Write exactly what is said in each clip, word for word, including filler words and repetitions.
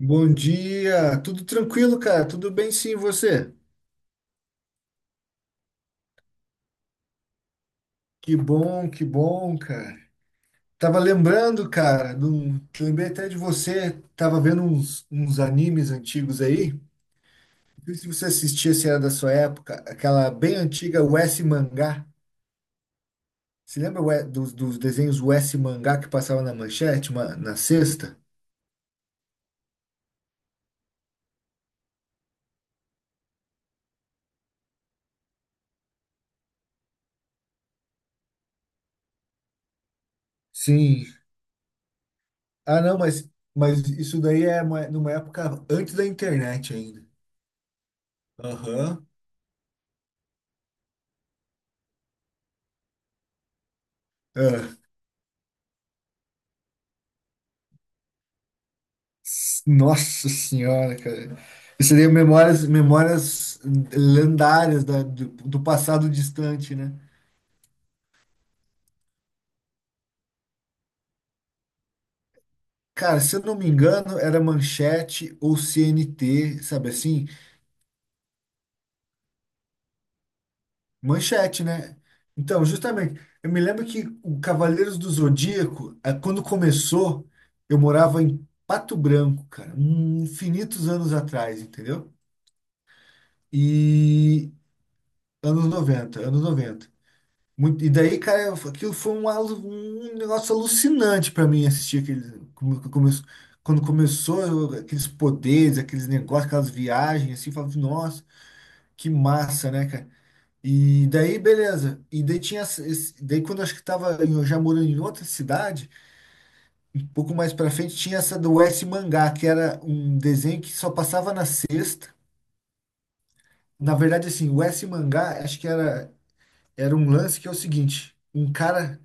Bom dia, tudo tranquilo, cara? Tudo bem sim, e você? Que bom, que bom, cara. Tava lembrando, cara, do... lembrei até de você, tava vendo uns, uns, animes antigos aí. Não sei se você assistia, se era da sua época, aquela bem antiga U S Mangá. Você lembra o- E- dos, dos, desenhos U S Mangá que passava na manchete, uma- na sexta? Sim. Ah, não, mas, mas isso daí é uma- numa época antes da internet ainda. Aham. É. Nossa senhora, cara. Isso seria memórias, memórias lendárias da- do, do passado distante, né? Cara, se eu não me engano, era Manchete ou C N T, sabe assim? Manchete, né? Então, justamente, eu me lembro que o Cavaleiros do Zodíaco, eh, quando começou, eu morava em Pato Branco, cara, um- infinitos anos atrás, entendeu? E anos noventa, anos noventa. Muito- e daí, cara, eu- aquilo foi um, alu- um negócio alucinante pra mim assistir aquele, como- como- quando começou eu- aqueles poderes, aqueles negócios, aquelas viagens, assim, eu falava, nossa, que massa, né, cara? E daí, beleza. E daí tinha, essa- esse- daí quando eu acho que tava em- eu já morando em outra cidade, um pouco mais pra frente, tinha essa do S Mangá, que era um desenho que só passava na sexta. Na verdade, assim, o S Mangá, acho que era, era um lance que é o seguinte, um cara.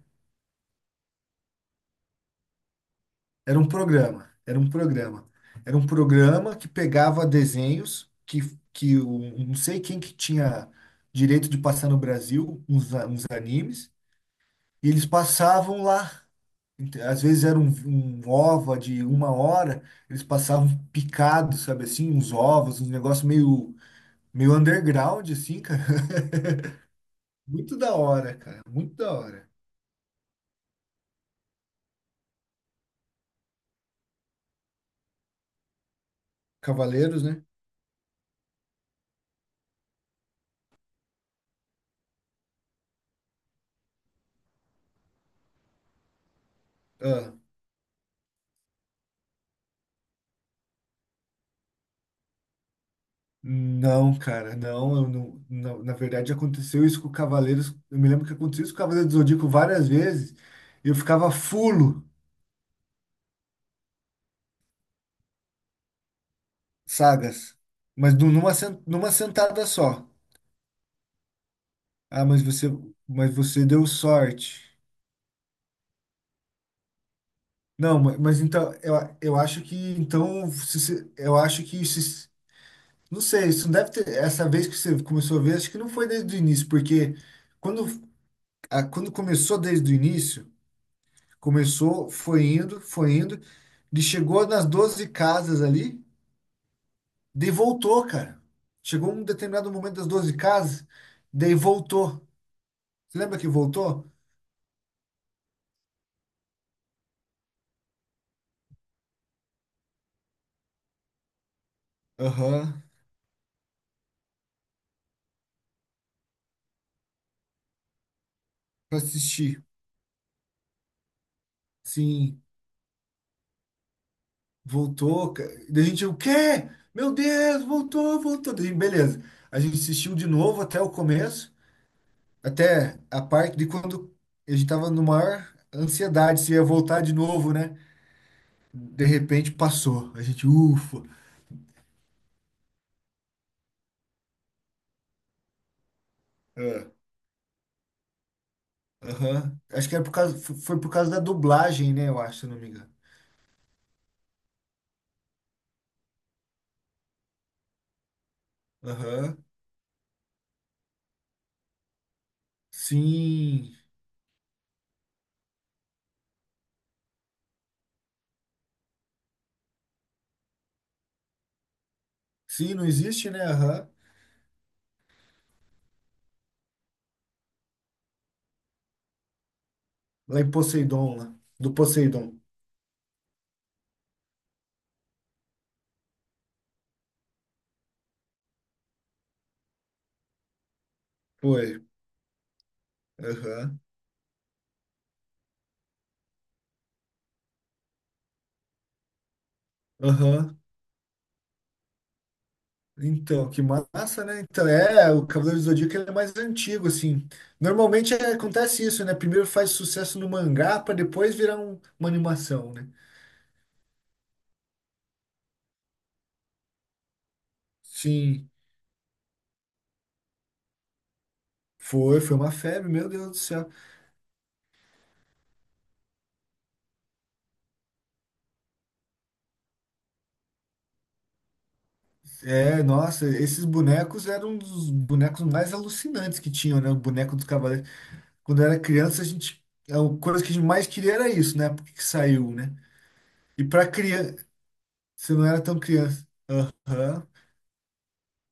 Era um programa, era um programa. Era um programa que pegava desenhos que, que o- não sei quem que tinha direito de passar no Brasil, uns, a- uns animes, e eles passavam lá. Ent- Às vezes era um, um, ova de uma hora, eles passavam picados, sabe assim, uns ovos, uns negócios meio, meio underground, assim, cara. Muito da hora, cara, muito da hora. Cavaleiros, né? Não, cara, não, eu não, não. Na verdade, aconteceu isso com o Cavaleiros. Eu me lembro que aconteceu isso com o Cavaleiros do Zodíaco várias vezes. e Eu ficava fulo. Sagas, mas nu- numa, sen- numa sentada só. Ah, mas você, mas você deu sorte. Não, ma- mas, então eu, a- eu acho que então se- se- eu acho que se- não sei, isso não deve ter essa vez que você começou a ver, acho que não foi desde o início, porque quando a- quando começou desde o início. Começou, foi indo, foi indo. Ele chegou nas doze casas ali, daí voltou, cara. Chegou um determinado momento das doze casas, daí voltou. Você lembra que voltou? Aham, pra assistir. Sim, voltou, cara. Daí a gente, o quê? Meu Deus, voltou, voltou. Daí, beleza. A gente assistiu de novo até o começo, até a parte de quando a gente tava no maior ansiedade se ia voltar de novo, né? De repente passou. A gente, ufa. Aham. Acho que era por causa, fo- foi por causa da dublagem, né? Eu acho, se eu não me engano. Aham. Sim. Sim, não existe, né? Aham. Lá em Poseidon, lá. Do Poseidon. Foi. Aham. Aham. Então, que massa, né? Então, é, o Cavaleiro do Zodíaco ele é mais antigo, assim. Normalmente é, acontece isso, né? Primeiro faz sucesso no mangá para depois virar um- uma animação, né? Sim. Foi, foi uma febre, meu Deus do céu. É, nossa, esses bonecos eram um dos bonecos mais alucinantes que tinham, né? O boneco dos cavaleiros. Quando eu era criança, a gente. A coisa que a gente mais queria era isso, né? Porque que saiu, né? E pra criança. Você não era tão criança. Aham.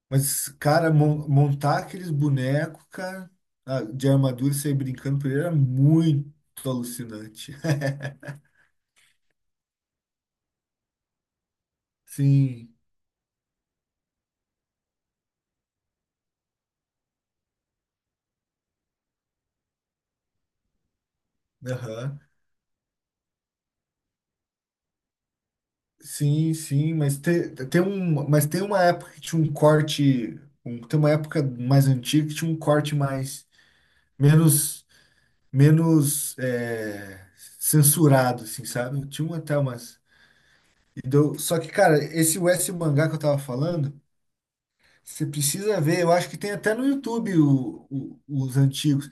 Mas, cara, mon- montar aqueles bonecos, cara, ah, de armadura e sair brincando por ele era muito alucinante. Sim. Aham. Sim, sim, mas tem, tem, um, mas tem uma época que tinha um corte, um- tem uma época mais antiga que tinha um corte mais menos menos é, censurado, assim, sabe? Tinha uma, até umas. E deu, só que cara, esse West Mangá que eu tava falando, você precisa ver, eu acho que tem até no YouTube o- o- os antigos.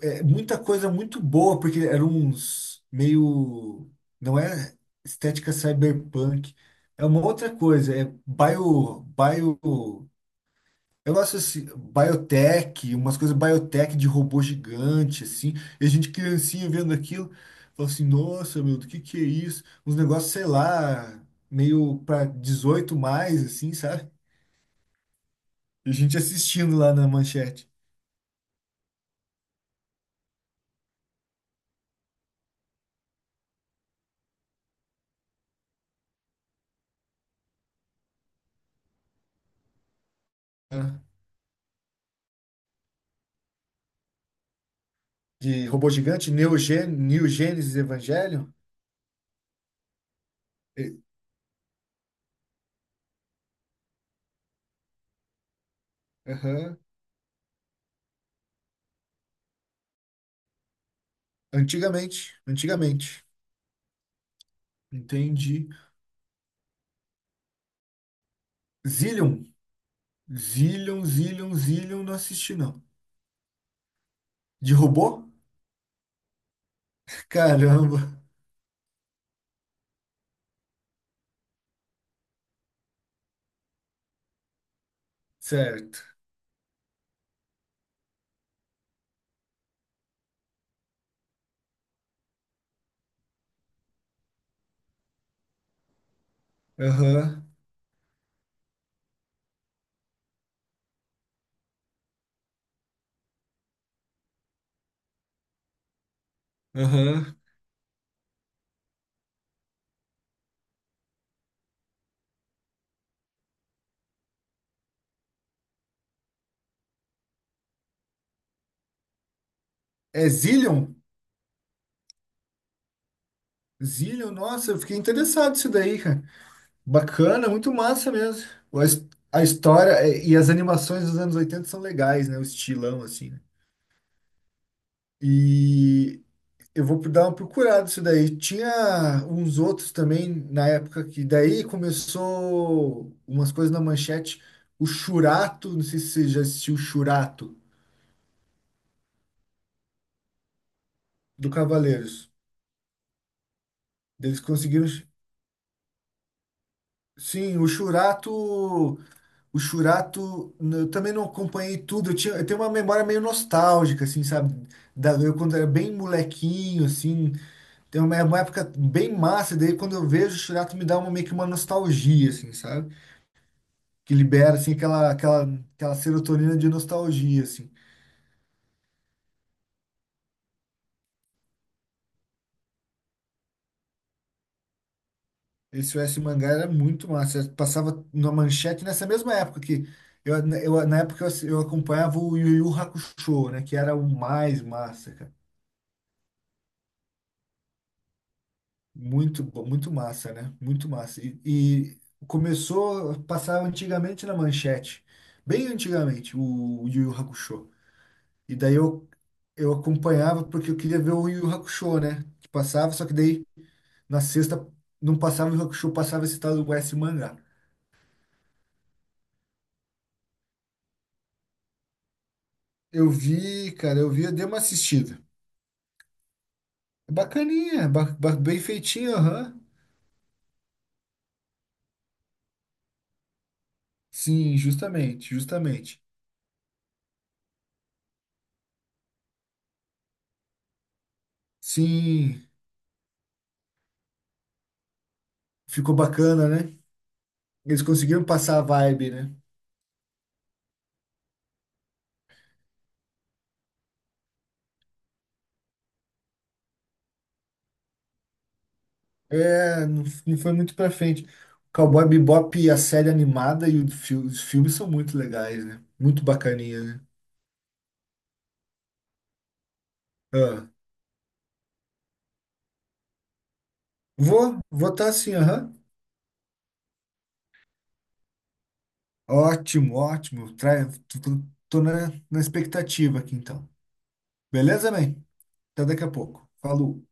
É muita coisa muito boa, porque eram uns meio. Não é estética cyberpunk. É uma outra coisa. É bio. Bio eu gosto assim, biotech, umas coisas biotech de robô gigante, assim. E a gente criancinha vendo aquilo, fala assim: nossa, meu, do que que é isso? Uns negócios, sei lá, meio para dezoito mais, assim, sabe? E a gente assistindo lá na manchete. Né? De robô gigante, Neo Gen- neo Gênesis Evangelion. Aham. Antigamente, antigamente. Entendi. Zillion. Zillion, Zillion, Zillion, não assisti, não. De robô? Caramba. Certo. Aham, aham. É Zillion? Zillion, nossa, eu fiquei interessado nisso daí, cara. Bacana, muito massa mesmo. A his- a história é- e as animações dos anos oitenta são legais, né? O estilão, assim, né? E Eu vou dar uma procurada isso daí. Tinha uns outros também na época que daí começou umas coisas na manchete. O Churato, não sei se você já assistiu o Churato do Cavaleiros. Eles conseguiram. Sim, o Churato. O Churato. Eu também não acompanhei tudo. Eu tinha, eu tenho uma memória meio nostálgica, assim, sabe? Da, eu quando era bem molequinho, assim. Tem uma, uma, época bem massa. Daí quando eu vejo o Churato me dá uma, meio que uma nostalgia, assim, sabe? Que libera assim aquela aquela aquela serotonina de nostalgia assim. Esse U S Mangá era muito massa, passava na manchete nessa mesma época que eu, eu na época eu, eu acompanhava o Yu Yu Hakusho, né, que era o mais massa, cara. Muito bo- muito massa, né? Muito massa. E, e começou a passar antigamente na manchete, bem antigamente o, o Yu Yu Hakusho. E daí eu eu acompanhava porque eu queria ver o Yu Yu Hakusho, né? Que passava, só que daí na sexta não passava o Hakusho, passava esse tal do S mangá. Eu vi, cara, eu vi, eu dei uma assistida. É bacaninha, ba- ba- bem feitinho, aham. Sim, justamente, justamente. Sim, ficou bacana, né? Eles conseguiram passar a vibe, né? É, não, f- não foi muito pra frente. Cowboy Bebop, e a série animada e o fi- os filmes são muito legais, né? Muito bacaninha, né? Ah, vou, vou estar assim, aham. Ótimo, ótimo. Tra... Tô, tô- tô na, na expectativa aqui então. Beleza, man? Até daqui a pouco. Falou.